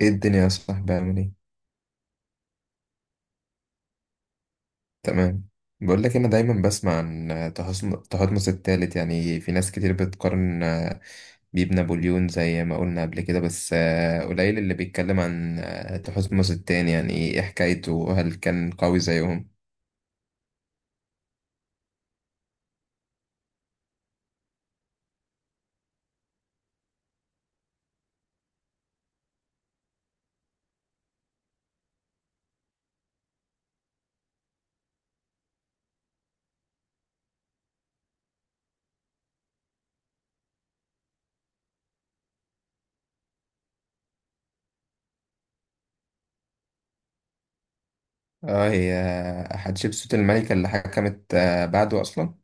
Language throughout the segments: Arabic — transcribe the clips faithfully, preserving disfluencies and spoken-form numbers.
ايه الدنيا يا صاحبي؟ عامل ايه؟ تمام. بقول لك، انا دايما بسمع عن تهصم- تهطمس الثالث. يعني في ناس كتير بتقارن آه، بيه بنابليون زي ما قلنا قبل كده، بس آه، قليل اللي بيتكلم عن آه، تهصمس التاني. يعني ايه حكايته؟ هل كان قوي زيهم؟ اه، هي حتشبسوت الملكة اللي حكمت آه، بعده اصلا.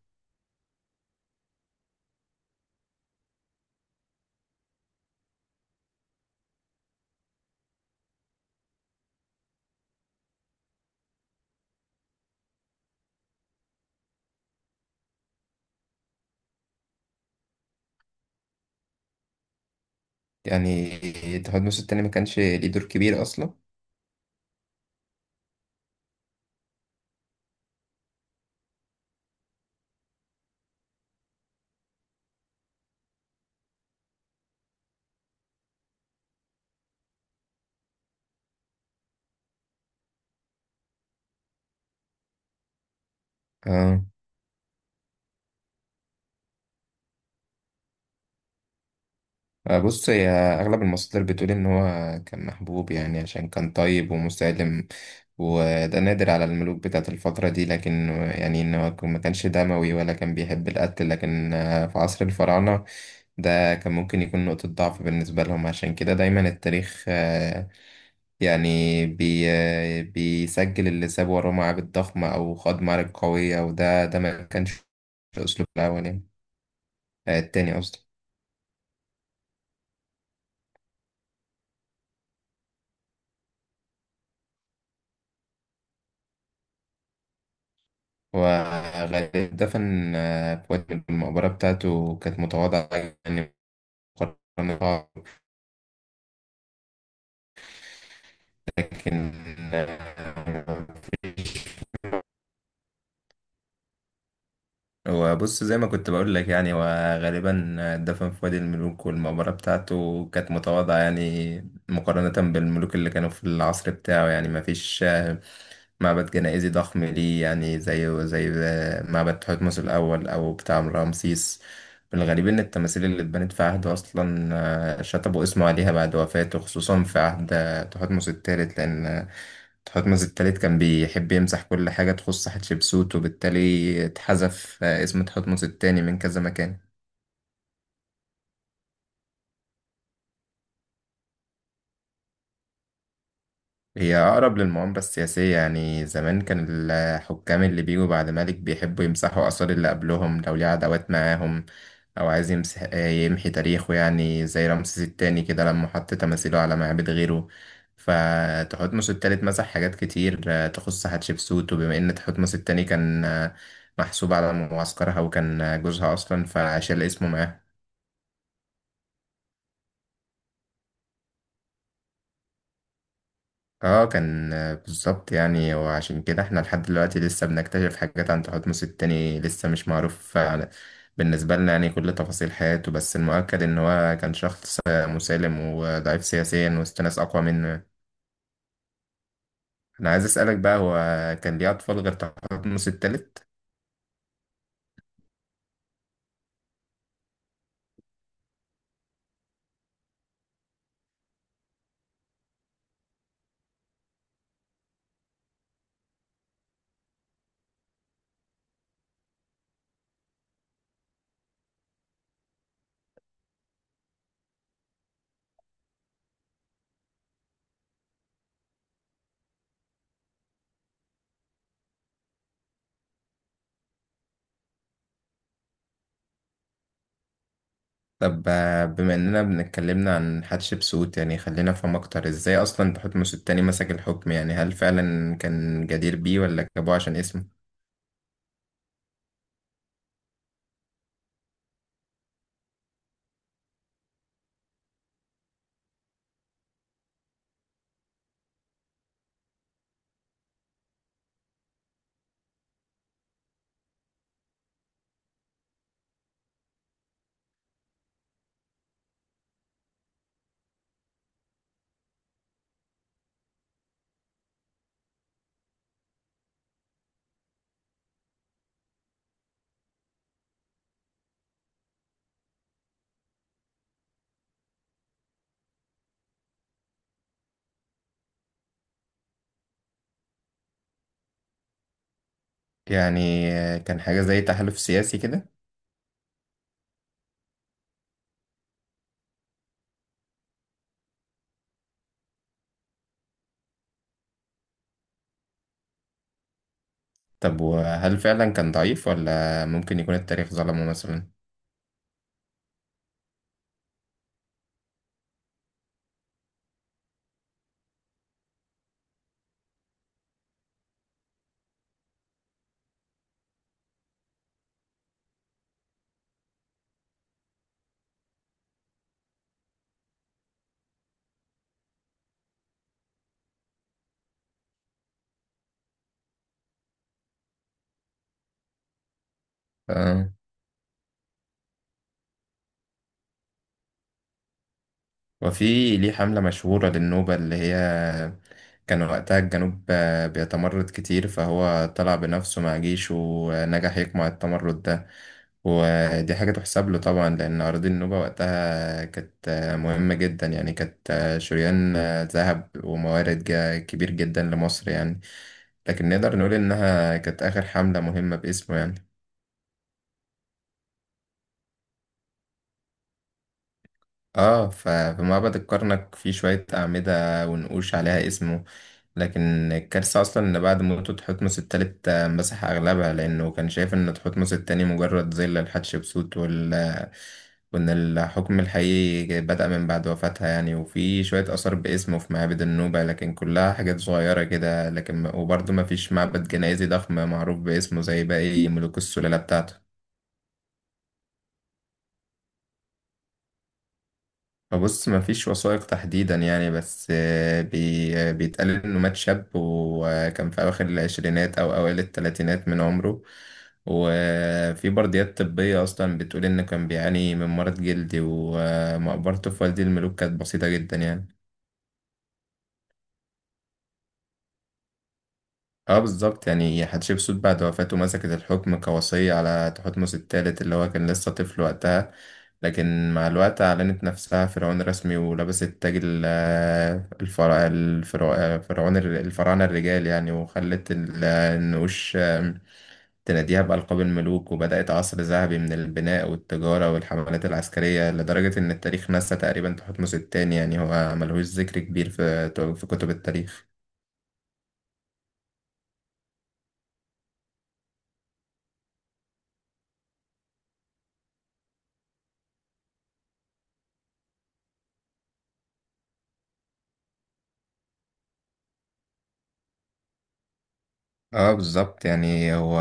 يعني تهطمس التاني ما كانش ليه دور كبير اصلا؟ اه. آه، بص، هي أغلب المصادر بتقول إن هو كان محبوب، يعني عشان كان طيب ومسالم، وده نادر على الملوك بتاعت الفترة دي. لكن يعني إن هو ما كانش دموي ولا كان بيحب القتل، لكن آه، في عصر الفراعنة ده كان ممكن يكون نقطة ضعف بالنسبة لهم. عشان كده دايما التاريخ آه، يعني بي آه، بيسجل اللي ساب وراه معابد ضخمة أو خاض معارك قوية، وده ده ما كانش أسلوب الأول، يعني آه، التاني قصدي. وغالبا دفن آه، في وجه، المقبرة بتاعته كانت متواضعة يعني مقارنة. لكن آه، هو بص زي ما كنت بقول لك، يعني هو غالبا دفن في وادي الملوك، والمقبرة بتاعته كانت متواضعة يعني مقارنة بالملوك اللي كانوا في العصر بتاعه. يعني ما فيش معبد جنائزي ضخم ليه، يعني زي زي معبد تحتمس الأول أو بتاع رمسيس. الغريب إن التماثيل اللي اتبنت في عهده أصلا، آه، شطبوا اسمه عليها بعد وفاته، خصوصا في عهد تحتمس الثالث، لأن تحتمس التالت كان بيحب يمسح كل حاجة تخص حتشبسوت، وبالتالي اتحذف آه، اسم تحتمس التاني من كذا مكان. هي أقرب للمؤامرة السياسية. يعني زمان كان الحكام اللي بيجوا بعد ملك بيحبوا يمسحوا آثار اللي قبلهم لو ليه عداوات معاهم، أو عايز يمسح يمحي تاريخه، يعني زي رمسيس التاني كده لما حط تماثيله على معابد غيره. فتحتمس التالت مسح حاجات كتير آه، تخص حتشبسوت، وبما إن تحتمس التاني كان آه، محسوب على معسكرها وكان آه، جوزها أصلا، فشال اسمه معاهم. اه، كان آه، بالظبط يعني. وعشان كده احنا لحد دلوقتي لسه بنكتشف حاجات عن تحتمس التاني، لسه مش معروف عن- بالنسبة لنا يعني كل تفاصيل حياته، بس المؤكد ان هو كان شخص آه، مسالم وضعيف سياسيا وسط ناس اقوى منه. انا عايز اسألك بقى، هو كان ليه اطفال غير تحتمس التالت؟ طب آه، بما اننا بنتكلمنا عن حتشبسوت، يعني خلينا نفهم اكتر ازاي اصلا تحتمس التاني مسك الحكم. يعني هل فعلا كان جدير بيه ولا جابوه عشان اسمه؟ يعني كان حاجة زي تحالف سياسي كده؟ طب وهل فعلا كان ضعيف ولا ممكن يكون التاريخ ظلمه مثلا؟ آه. وفي ليه حملة مشهورة للنوبة، اللي هي كان وقتها الجنوب بيتمرد كتير، فهو طلع بنفسه مع جيشه ونجح يقمع التمرد ده. ودي حاجة تحسب له طبعا، لأن أراضي النوبة وقتها كانت مهمة جدا، يعني كانت شريان ذهب وموارد جا- كبير جدا لمصر يعني. لكن نقدر نقول إنها كانت آخر حملة مهمة باسمه يعني. اه، ففي معبد الكرنك في شوية أعمدة ونقوش عليها اسمه، لكن الكارثة أصلا إن بعد موته تحتمس التالت آه، مسح أغلبها، لأنه كان شايف إن تحتمس التاني مجرد ظل لحتشبسوت، وال وإن الحكم الحقيقي بدأ من بعد وفاتها يعني. وفي شوية آثار باسمه في معابد النوبة لكن كلها حاجات صغيرة كده، لكن وبرضه مفيش معبد جنائزي ضخم معروف باسمه زي باقي ملوك السلالة بتاعته. بص مفيش وثائق تحديدا يعني، بس آه، بي آه، بيتقال انه مات شاب وكان في اواخر العشرينات او اوائل الثلاثينات من عمره. وفي برديات طبية اصلا بتقول انه كان بيعاني من مرض جلدي، ومقبرته في وادي الملوك كانت بسيطة جدا يعني. اه بالظبط، يعني حتشبسوت بعد وفاته مسكت الحكم كوصية على تحتمس الثالث اللي هو كان لسه طفل وقتها، لكن مع الوقت أعلنت نفسها فرعون رسمي، ولبست تاج ال- آه، الفرع الفرع الفرعون الفراعنة الرجال يعني، وخلت ال- النقوش تناديها بألقاب الملوك، وبدأت عصر ذهبي من البناء والتجارة والحملات العسكرية، لدرجة إن التاريخ نسى تقريبا تحتمس التاني يعني. هو ملهوش ذكر كبير في في كتب التاريخ. اه بالظبط، يعني هو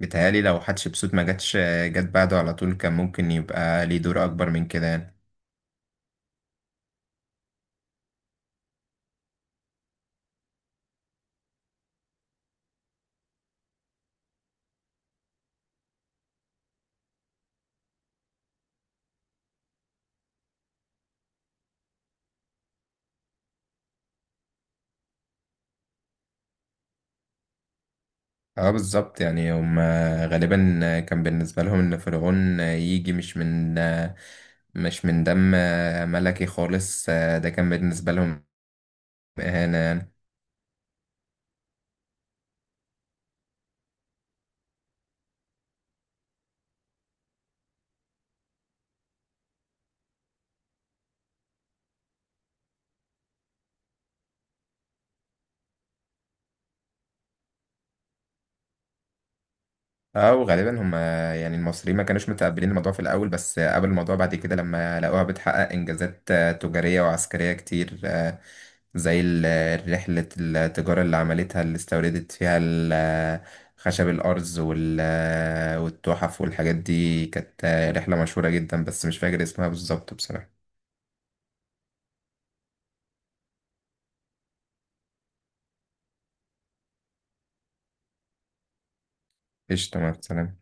بيتهيألي لو حتشبسوت ما جاتش جت بعده على طول، كان ممكن يبقى ليه دور أكبر من كده يعني. اه بالظبط، يعني هم غالبا كان بالنسبة لهم ان فرعون يجي مش من مش من دم ملكي خالص، ده كان بالنسبة لهم إهانة يعني. اه وغالبا هم يعني المصريين ما كانوش متقبلين الموضوع في الاول، بس قبل الموضوع بعد كده لما لقوها بتحقق انجازات آه، تجاريه وعسكريه كتير. آه، زي ال- رحله التجاره اللي عملتها، اللي استوردت فيها ال- آه، خشب الارز وال- آه، والتحف والحاجات دي، كانت آه، رحله مشهوره جدا، بس مش فاكر اسمها بالظبط بصراحه. قشطه، مع السلامه.